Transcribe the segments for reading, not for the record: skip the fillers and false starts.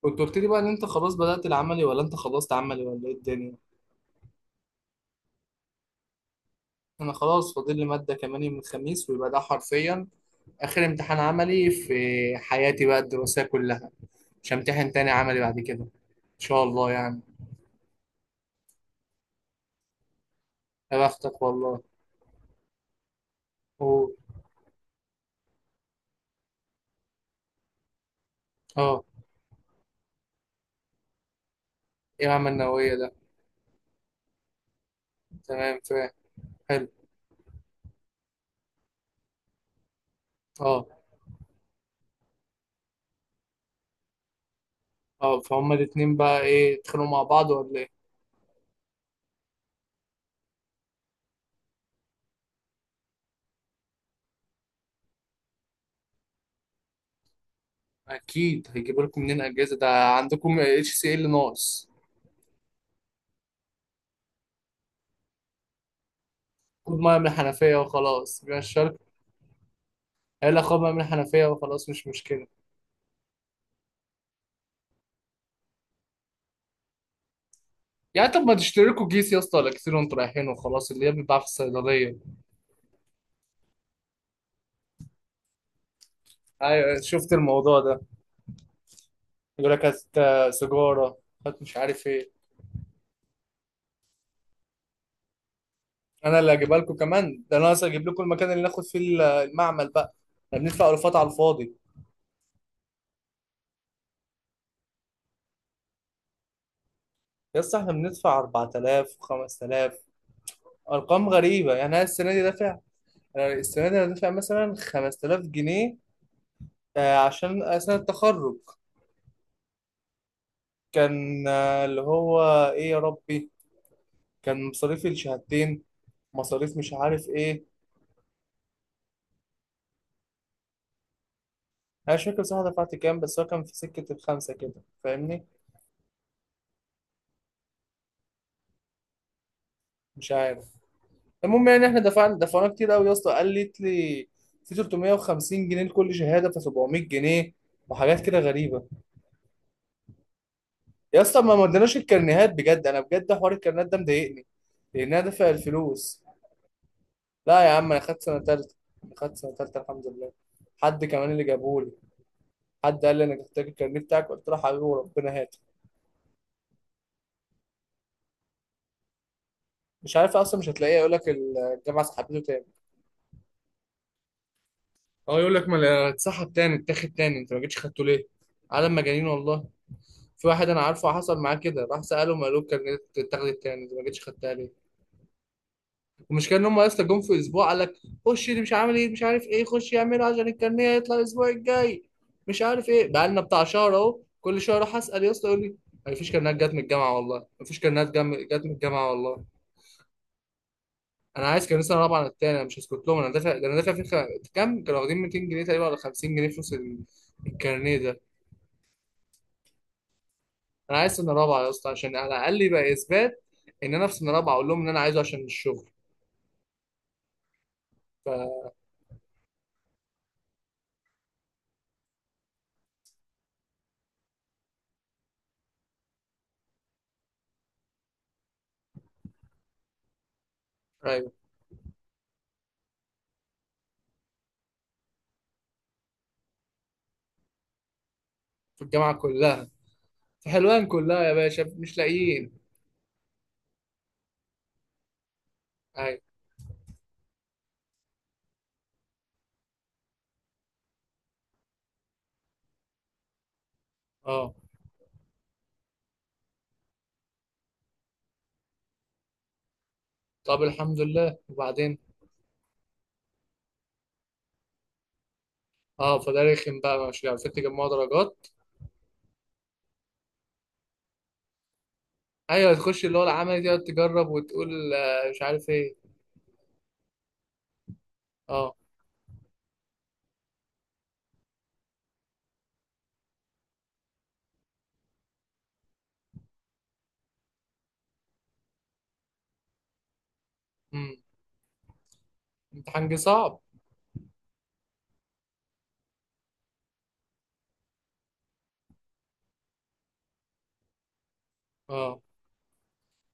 كنت قلت لي بقى ان انت خلاص بدأت العملي ولا انت خلصت عملي ولا ايه الدنيا؟ انا خلاص فاضل لي مادة كمان يوم الخميس، ويبقى ده حرفيا اخر امتحان عملي في حياتي بقى الدراسية كلها. مش همتحن تاني عملي بعد كده ان شاء الله يعني. يا بختك والله. أوه. اه. ايه عمل النووية ده؟ تمام، فاهم. حلو. اه. اه، فهم الاتنين بقى ايه، يتخانقوا مع بعض ولا ايه؟ اكيد، هيجيبوا لكم منين اجازة ده؟ عندكم HCL ناقص. خد ميه من الحنفية وخلاص، مش قال اخويا بقى من الحنفيه وخلاص، مش مشكله. يعني طب ما تشتري لكم كيس يا اسطى ولا كتير وانتوا رايحين وخلاص، اللي هي بيتباع في الصيدليه. ايوه، شفت الموضوع ده. يقول لك هات سيجاره، هات مش عارف ايه. انا اللي هجيبها لكم كمان، ده انا اصلا اجيب لكم المكان اللي ناخد فيه المعمل بقى. احنا بندفع الفات على الفاضي. يا اسطى، احنا بندفع 4000 و5000، ارقام غريبه. يعني انا السنه دي دافع، أنا السنه دي انا دافع مثلا 5000 جنيه عشان سنه التخرج. كان اللي هو، ايه يا ربي، كان مصاريفي الشهادتين، مصاريف مش عارف ايه. انا مش فاكر بصراحه دفعت كام، بس هو كان في سكه الخمسه كده، فاهمني. مش عارف. المهم يعني احنا دفعنا كتير قوي يا اسطى. قالت لي في 350 جنيه لكل شهاده، ف 700 جنيه وحاجات كده غريبه. يا اسطى، ما مدناش الكرنيهات بجد، انا بجد حوار الكرنيهات ده مضايقني لان انا دافع الفلوس. لا يا عم، انا خدت سنه تالته، انا خدت سنه تالته الحمد لله. حد كمان اللي جابهولي، حد قال لي انا محتاج الكرنيه بتاعك، قلت له حبيبي وربنا هات. مش عارف اصلا، مش هتلاقيه، يقول لك الجامعه سحبته تاني. اه، يقول لك ما اتسحب تاني، اتاخد تاني، انت ما جيتش خدته ليه؟ عالم مجانين والله. في واحد انا عارفه حصل معاه كده، راح ساله، ما قالوك كان اتاخدت تاني، انت ما جيتش خدتها ليه؟ المشكله ان هم اصلا جم في اسبوع قال لك خش اللي مش عامل ايه مش عارف ايه خش يعمله عشان الكارنيه يطلع الاسبوع الجاي، مش عارف ايه. بقى لنا بتاع شهر اهو، كل شهر اروح اسال يا اسطى يقول لي ما فيش كارنيهات جت من الجامعه والله، ما فيش كارنيهات جت من الجامعه والله. انا عايز كانوا لسه رابعه عن التاني، انا مش هسكت لهم، انا دافع ده، انا دافع في كام كانوا واخدين 200 جنيه تقريبا ولا 50 جنيه فلوس الكارنيه ده؟ انا عايز سنه رابعه يا اسطى عشان على الاقل يبقى اثبات ان انا في سنه رابعه، اقول لهم ان انا عايزه عشان الشغل. ف، ايوه. في الجامعه كلها. في حلوان كلها يا باشا، مش لاقيين. ايوه. اه. طب الحمد لله، وبعدين؟ اه، فده رخم بقى، مش عارفين تجمعوا درجات. ايوه، تخش اللي هو العمل دي تجرب وتقول مش عارف ايه. اه. امم. امتحان جه صعب. اه.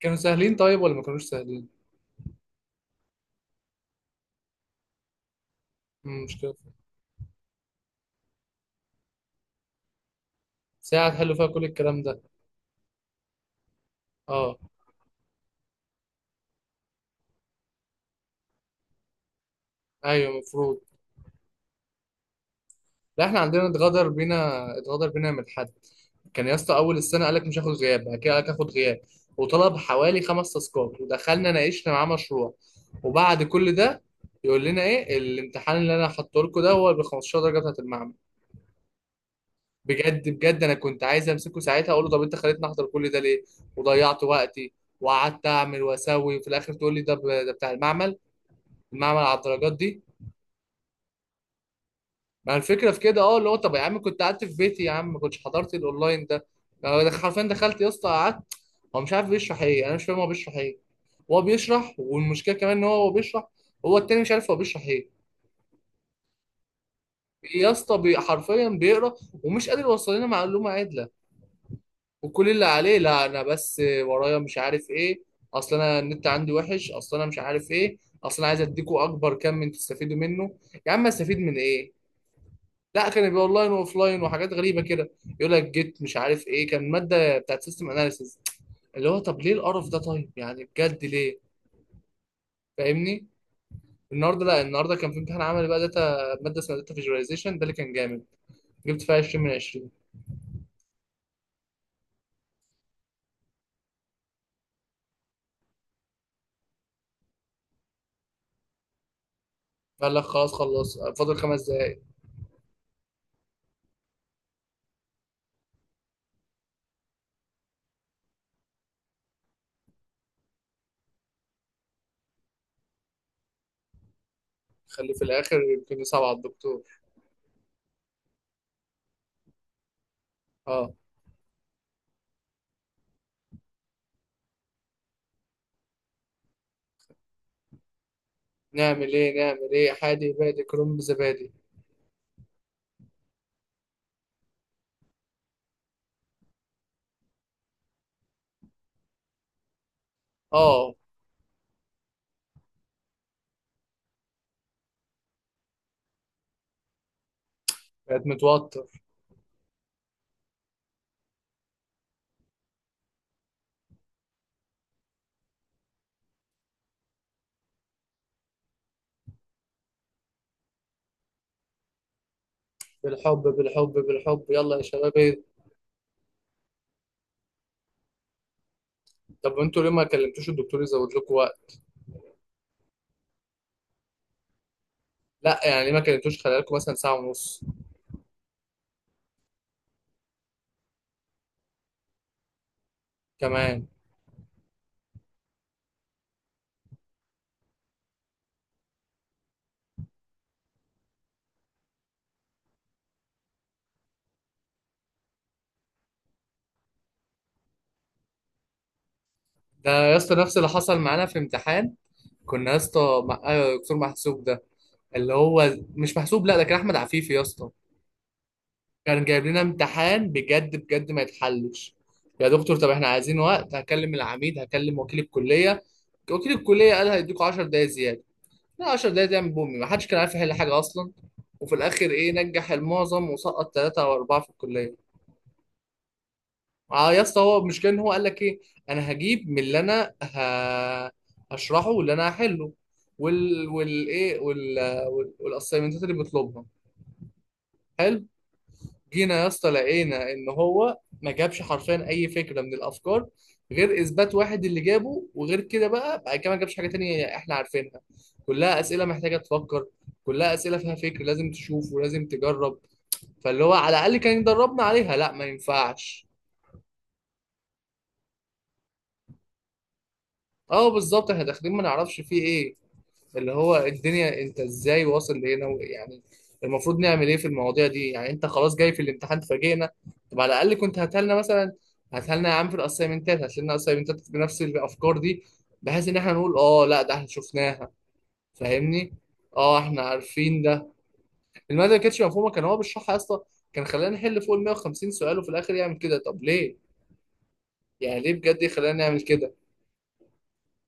كانوا سهلين طيب ولا ما كانوش سهلين؟ مش كده. ساعة تحلوا فيها كل الكلام ده؟ اه. ايوه، المفروض. لا، احنا عندنا اتغدر بينا، اتغدر بينا من حد. كان يا اسطى اول السنة قالك مش هاخد غياب، بعد كده قالك هاخد غياب، وطلب حوالي 5 تاسكات، ودخلنا ناقشنا معاه مشروع، وبعد كل ده يقول لنا ايه؟ الامتحان اللي انا حاطه لكم ده هو ب 15 درجة بتاعت المعمل. بجد بجد، انا كنت عايز امسكه ساعتها اقول له طب انت خليتني احضر كل ده ليه وضيعت وقتي وقعدت اعمل واسوي، وفي الاخر تقول لي ده ده بتاع المعمل؟ المعمل على الدرجات دي؟ ما الفكره في كده. اه، اللي هو طب يا عم كنت قعدت في بيتي يا عم، ما كنتش حضرت الاونلاين ده. حرفيا دخلت يا اسطى، قعدت، هو مش عارف بيشرح ايه، انا مش فاهم هو بيشرح ايه. هو بيشرح، والمشكله كمان ان هو بيشرح، هو التاني مش عارف هو بيشرح ايه. يا اسطى، حرفيا بيقرا، ومش قادر يوصل لنا معلومه عادله. وكل اللي عليه لا انا بس ورايا مش عارف ايه، اصل انا النت عندي وحش، اصل انا مش عارف ايه، اصل انا عايز اديكوا اكبر كم من تستفيدوا منه. يا عم استفيد من ايه؟ لا، كان يبقى اونلاين واوفلاين وحاجات غريبه كده. يقول لك جيت مش عارف ايه، كان ماده بتاعت سيستم اناليسيز. اللي هو طب ليه القرف ده طيب، يعني بجد ليه؟ فاهمني. النهارده، لا النهارده كان في امتحان عملي بقى داتا، ماده اسمها داتا فيجواليزيشن، ده اللي كان جامد، جبت فيها 20 من 20. قال لك خلاص، خلص، فاضل 5 دقايق. خليه في الاخر، يمكن يصعب على الدكتور. اه. نعمل ايه نعمل ايه، حادي بادي كرنب زبادي. اه، بقيت متوتر. بالحب بالحب بالحب، يلا يا شباب ايه. طب انتوا ليه ما كلمتوش الدكتور يزود لكم؟ لا يعني ليه ما كلمتوش خلال لكم مثلا ساعة ونص كمان؟ ده يا اسطى نفس اللي حصل معانا في امتحان. كنا يا اسطى مع دكتور محسوب ده، اللي هو مش محسوب، لا ده كان احمد عفيفي يا اسطى. كان جايب لنا امتحان بجد بجد ما يتحلش. يا دكتور، طب احنا عايزين وقت، هكلم العميد، هكلم وكيل الكلية. وكيل الكلية قال هيديكوا 10 دقايق زيادة. لا، 10 دقايق دي من بومي، ما حدش كان عارف يحل حاجة اصلا. وفي الاخر ايه، نجح المعظم وسقط 3 أو 4 في الكلية. اه يا اسطى، هو المشكله ان هو قال لك ايه؟ انا هجيب من اللي انا هشرحه واللي انا هحله، وال والايه وال والاسايمنتات اللي بيطلبها. حلو. جينا يا اسطى لقينا ان هو ما جابش حرفيا اي فكره من الافكار غير اثبات واحد اللي جابه، وغير كده بقى، بعد كده ما جابش حاجه تانية احنا عارفينها. كلها اسئله محتاجه تفكر، كلها اسئله فيها فكر، لازم تشوف ولازم تجرب. فاللي هو على الاقل كان يدربنا عليها، لا ما ينفعش. اه بالظبط، احنا داخلين ما نعرفش فيه ايه، اللي هو الدنيا انت ازاي واصل لهنا يعني. المفروض نعمل ايه في المواضيع دي، يعني انت خلاص جاي في الامتحان تفاجئنا؟ طب على الاقل كنت هاتلنا مثلا، هاتلنا يا عم في الاسايمنتات، هاتلنا اسايمنتات بنفس الافكار دي بحيث ان احنا نقول اه لا ده احنا شفناها، فاهمني. اه، احنا عارفين ده. الماده ما كانتش مفهومه، كان هو بيشرحها يا اسطى، كان خلانا نحل فوق ال 150 سؤال، وفي الاخر يعمل كده. طب ليه، يعني ليه بجد يخلانا نعمل كده؟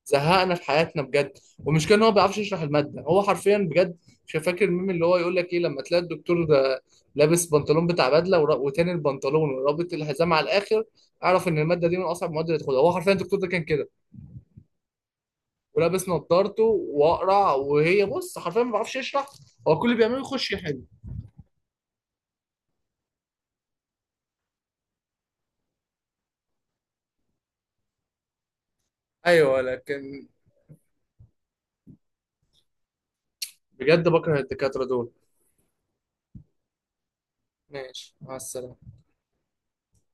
زهقنا في حياتنا بجد. والمشكله ان هو ما بيعرفش يشرح الماده هو حرفيا، بجد مش فاكر الميم اللي هو يقول لك ايه لما تلاقي الدكتور ده لابس بنطلون بتاع بدله وتاني البنطلون ورابط الحزام على الاخر، اعرف ان الماده دي من اصعب المواد اللي تاخدها. هو حرفيا الدكتور ده كان كده، ولابس نظارته واقرع، وهي بص حرفيا ما بيعرفش يشرح. هو كل اللي بيعمله يخش يحل. ايوه لكن، بجد بكره الدكاتره دول. ماشي مع السلامه.